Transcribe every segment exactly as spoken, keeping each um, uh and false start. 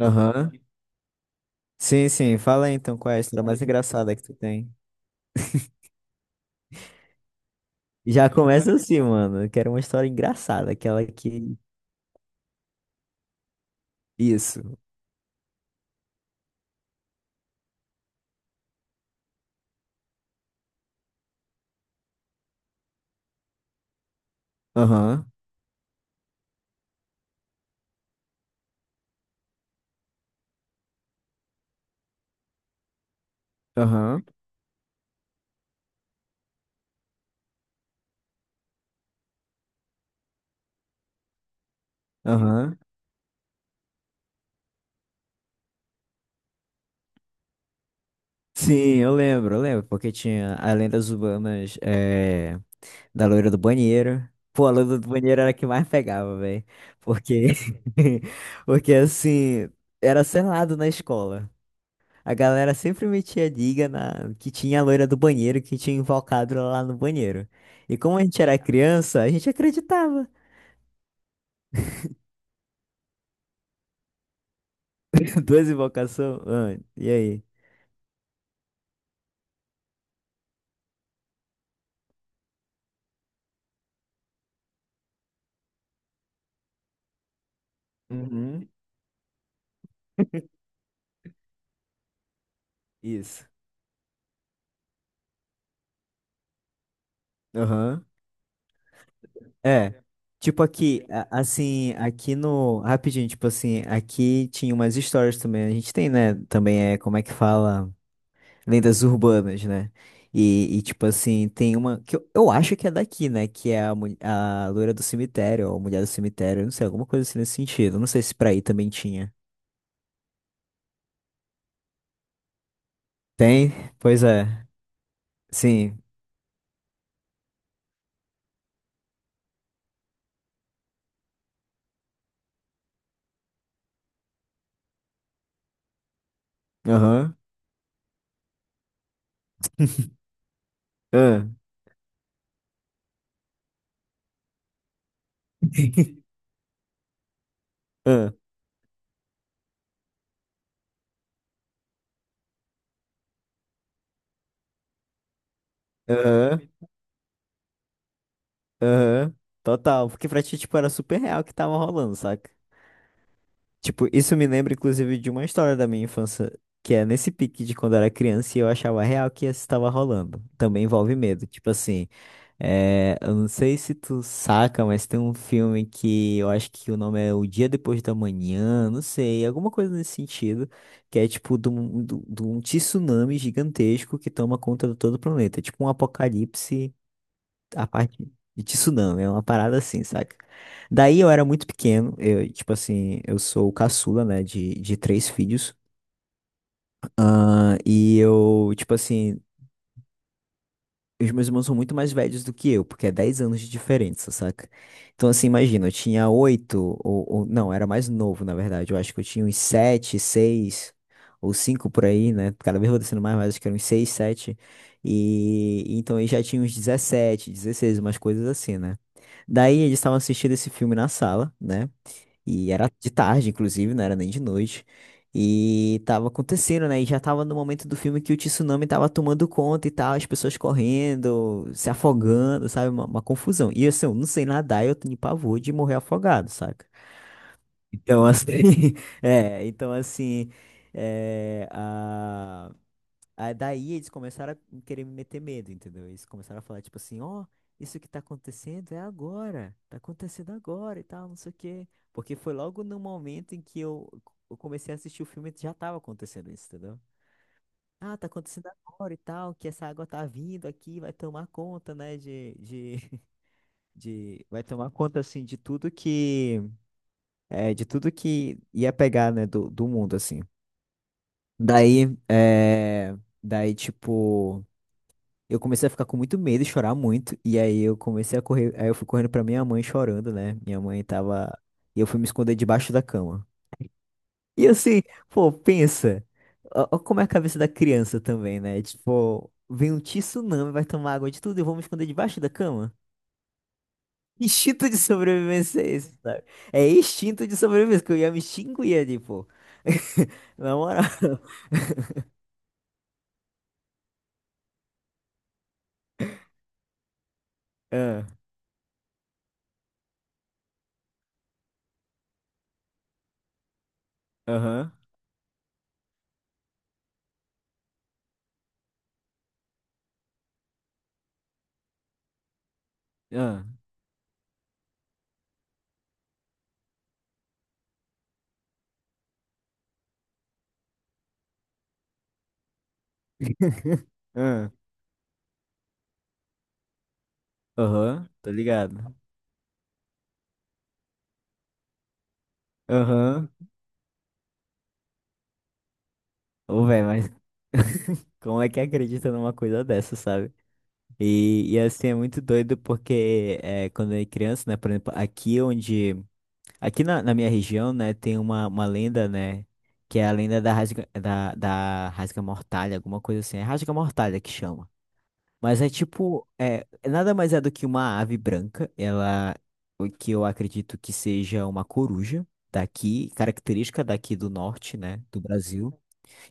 Aham. Sim, sim. Fala aí, então qual é a história mais engraçada que tu tem. Já começa assim, mano. Eu quero uma história engraçada, aquela que. Isso. Aham. Aham. Aham. Sim, eu lembro, eu lembro, porque tinha as lendas urbanas é, da loira do banheiro. Pô, a loira do banheiro era a que mais pegava, velho. Porque. Porque assim, era selado na escola. A galera sempre metia liga na que tinha a loira do banheiro que tinha invocado ela lá no banheiro. E como a gente era criança, a gente acreditava. Duas invocações. Ah, e aí? Uhum. Isso. Aham. É. Tipo aqui, a- assim, aqui no. Rapidinho, tipo assim, aqui tinha umas histórias também. A gente tem, né? Também é como é que fala, lendas urbanas, né? E, e, tipo assim, tem uma que eu, eu acho que é daqui, né? Que é a, mul- a loira do cemitério, ou a mulher do cemitério, não sei, alguma coisa assim nesse sentido. Não sei se pra aí também tinha. Tem? Pois é. Sim. Aham. Ah. Ah. Aham. Aham. Total. Porque pra ti, tipo, era super real o que tava rolando, saca? Tipo, isso me lembra, inclusive, de uma história da minha infância, que é nesse pique de quando eu era criança e eu achava real que isso estava rolando. Também envolve medo. Tipo assim, é, eu não sei se tu saca, mas tem um filme que eu acho que o nome é O Dia Depois da Manhã, não sei, alguma coisa nesse sentido, que é tipo de um, de um de um tsunami gigantesco que toma conta de todo o planeta. É tipo um apocalipse a parte de tsunami, é uma parada assim, saca? Daí eu era muito pequeno, eu, tipo assim, eu sou o caçula, né, de, de três filhos, ah, e eu, tipo assim, os meus irmãos são muito mais velhos do que eu, porque é dez anos de diferença, saca? Então, assim, imagina, eu tinha oito ou, ou- não, era mais novo, na verdade. Eu acho que eu tinha uns sete, seis ou cinco por aí, né? Cada vez vou descendo mais, mas acho que eram uns seis, sete. E então eu já tinha uns dezessete, dezesseis, umas coisas assim, né? Daí eles estavam assistindo esse filme na sala, né? E era de tarde, inclusive, não era nem de noite. E tava acontecendo, né? E já tava no momento do filme que o tsunami tava tomando conta e tal, as pessoas correndo, se afogando, sabe? Uma, uma confusão. E assim, eu não sei nadar, eu tenho pavor de morrer afogado, saca? Então, assim, é, então assim, é, a- aí daí eles começaram a querer me meter medo, entendeu? Eles começaram a falar, tipo assim, ó, isso que tá acontecendo é agora, tá acontecendo agora e tal, não sei o quê. Porque foi logo no momento em que eu, eu comecei a assistir o filme, já tava acontecendo isso, entendeu? Ah, tá acontecendo agora e tal, que essa água tá vindo aqui, vai tomar conta, né, de, de, de, vai tomar conta, assim, de tudo que, é, de tudo que ia pegar, né, do, do mundo, assim. Daí, é, daí, tipo... Eu comecei a ficar com muito medo e chorar muito. E aí eu comecei a correr. Aí eu fui correndo pra minha mãe chorando, né? Minha mãe tava. E eu fui me esconder debaixo da cama. E assim, pô, pensa. Ó, ó como é a cabeça da criança também, né? Tipo, vem um tsunami, vai tomar água de tudo e eu vou me esconder debaixo da cama? Instinto de sobrevivência é esse, sabe? É instinto de sobrevivência, que eu ia me extinguir ali, pô. Na moral. Ah. Aham. Ah. Ah. Aham, tô ligado. Aham. Ô, velho, mas como é que acredita numa coisa dessa, sabe? E, e assim, é muito doido porque é, quando eu era criança, né? Por exemplo, aqui onde. Aqui na, na minha região, né, tem uma, uma lenda, né? Que é a lenda da Rasga, da, da Rasga Mortalha, alguma coisa assim. É Rasga Mortalha que chama. Mas é tipo. É, nada mais é do que uma ave branca. Ela. O que eu acredito que seja uma coruja daqui, característica daqui do norte, né? Do Brasil.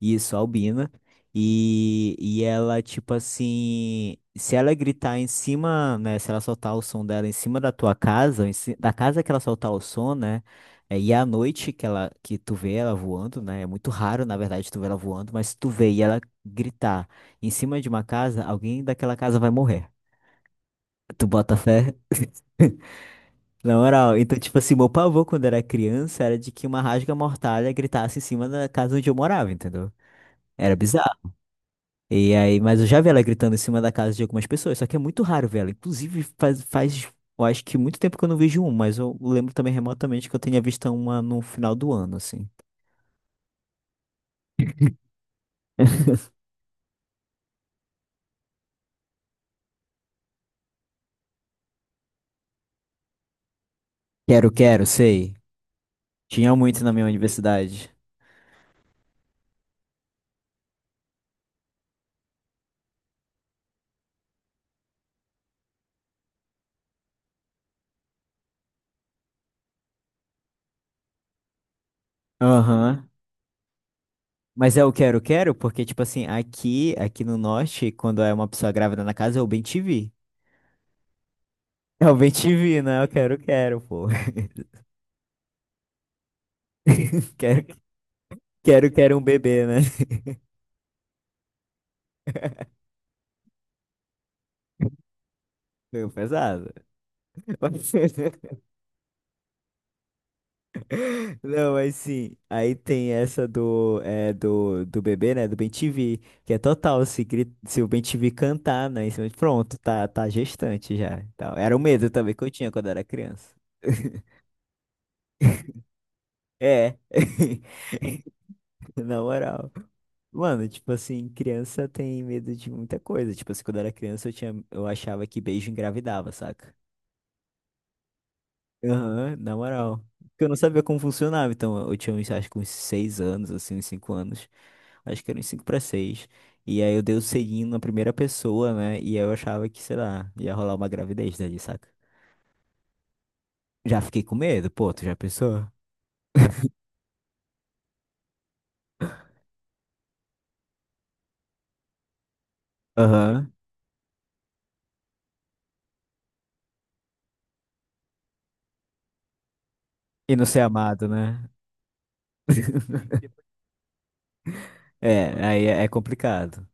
Isso, albina. E, e ela, tipo assim, se ela gritar em cima, né? Se ela soltar o som dela em cima da tua casa, ou em ci- da casa que ela soltar o som, né? É, e à noite que ela, que tu vê ela voando, né? É muito raro, na verdade, tu vê ela voando, mas se tu vê e ela gritar em cima de uma casa, alguém daquela casa vai morrer. Tu bota fé? Na moral, então, tipo assim, meu pavor quando era criança era de que uma rasga-mortalha gritasse em cima da casa onde eu morava, entendeu? Era bizarro. E aí, mas eu já vi ela gritando em cima da casa de algumas pessoas, só que é muito raro ver ela. Inclusive, faz, faz, eu acho que muito tempo que eu não vejo um, mas eu lembro também remotamente que eu tinha visto uma no final do ano, assim. Quero, quero, sei. Tinha muito na minha universidade. Aham. Mas é o quero, quero, porque, tipo assim, aqui, aqui no norte, quando é uma pessoa grávida na casa, é o bem te vi. É o bem te vi, né? Eu quero, quero, pô. Quero, quero, quero um bebê, né? Foi pesado. Não, mas sim, aí tem essa do, é, do, do bebê, né, do Ben-te vi, que é total, se, gri- se o Ben-te vi cantar, né, em cima de- pronto, tá, tá gestante já, então, era o medo também que eu tinha quando era criança. É, na moral. Mano, tipo assim, criança tem medo de muita coisa, tipo assim, quando eu era criança eu tinha, eu achava que beijo engravidava, saca? Aham, na moral. Porque eu não sabia como funcionava, então eu tinha uns, acho que uns seis anos, assim, uns cinco anos. Acho que era uns cinco para seis. E aí eu dei o selinho na primeira pessoa, né? E aí eu achava que, sei lá, ia rolar uma gravidez dali, saca? Já fiquei com medo, pô, tu já pensou? Aham. E não ser amado, né? É, aí é é complicado.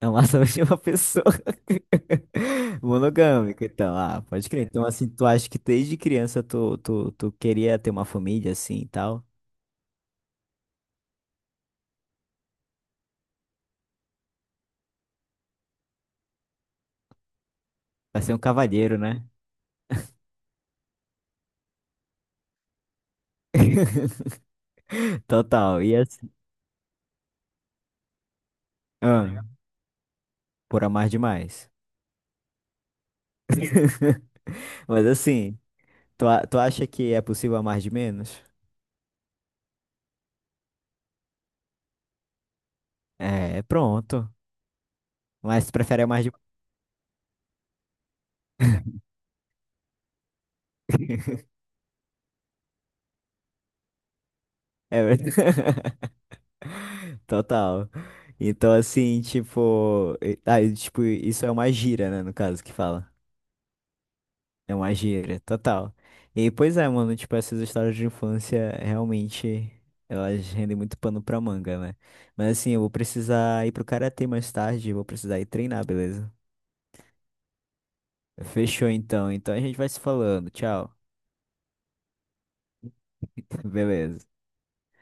Amar somente uma pessoa monogâmica, então, ah, pode crer. Então, assim, tu acha que desde criança tu, tu, tu queria ter uma família assim e tal? Vai ser um cavalheiro, né? Total. E assim. Ah, por amar demais. Mas assim, tu, a- tu acha que é possível amar de menos? É, pronto. Mas tu prefere amar de. É verdade. Total. Então, assim, tipo. e- Ah, e, tipo, isso é uma gíria, né? No caso, que fala. É uma gíria, total. E pois é, mano, tipo, essas histórias de infância realmente elas rendem muito pano pra manga, né? Mas assim, eu vou precisar ir pro karatê mais tarde, vou precisar ir treinar, beleza? Fechou então. Então a gente vai se falando. Tchau. Beleza.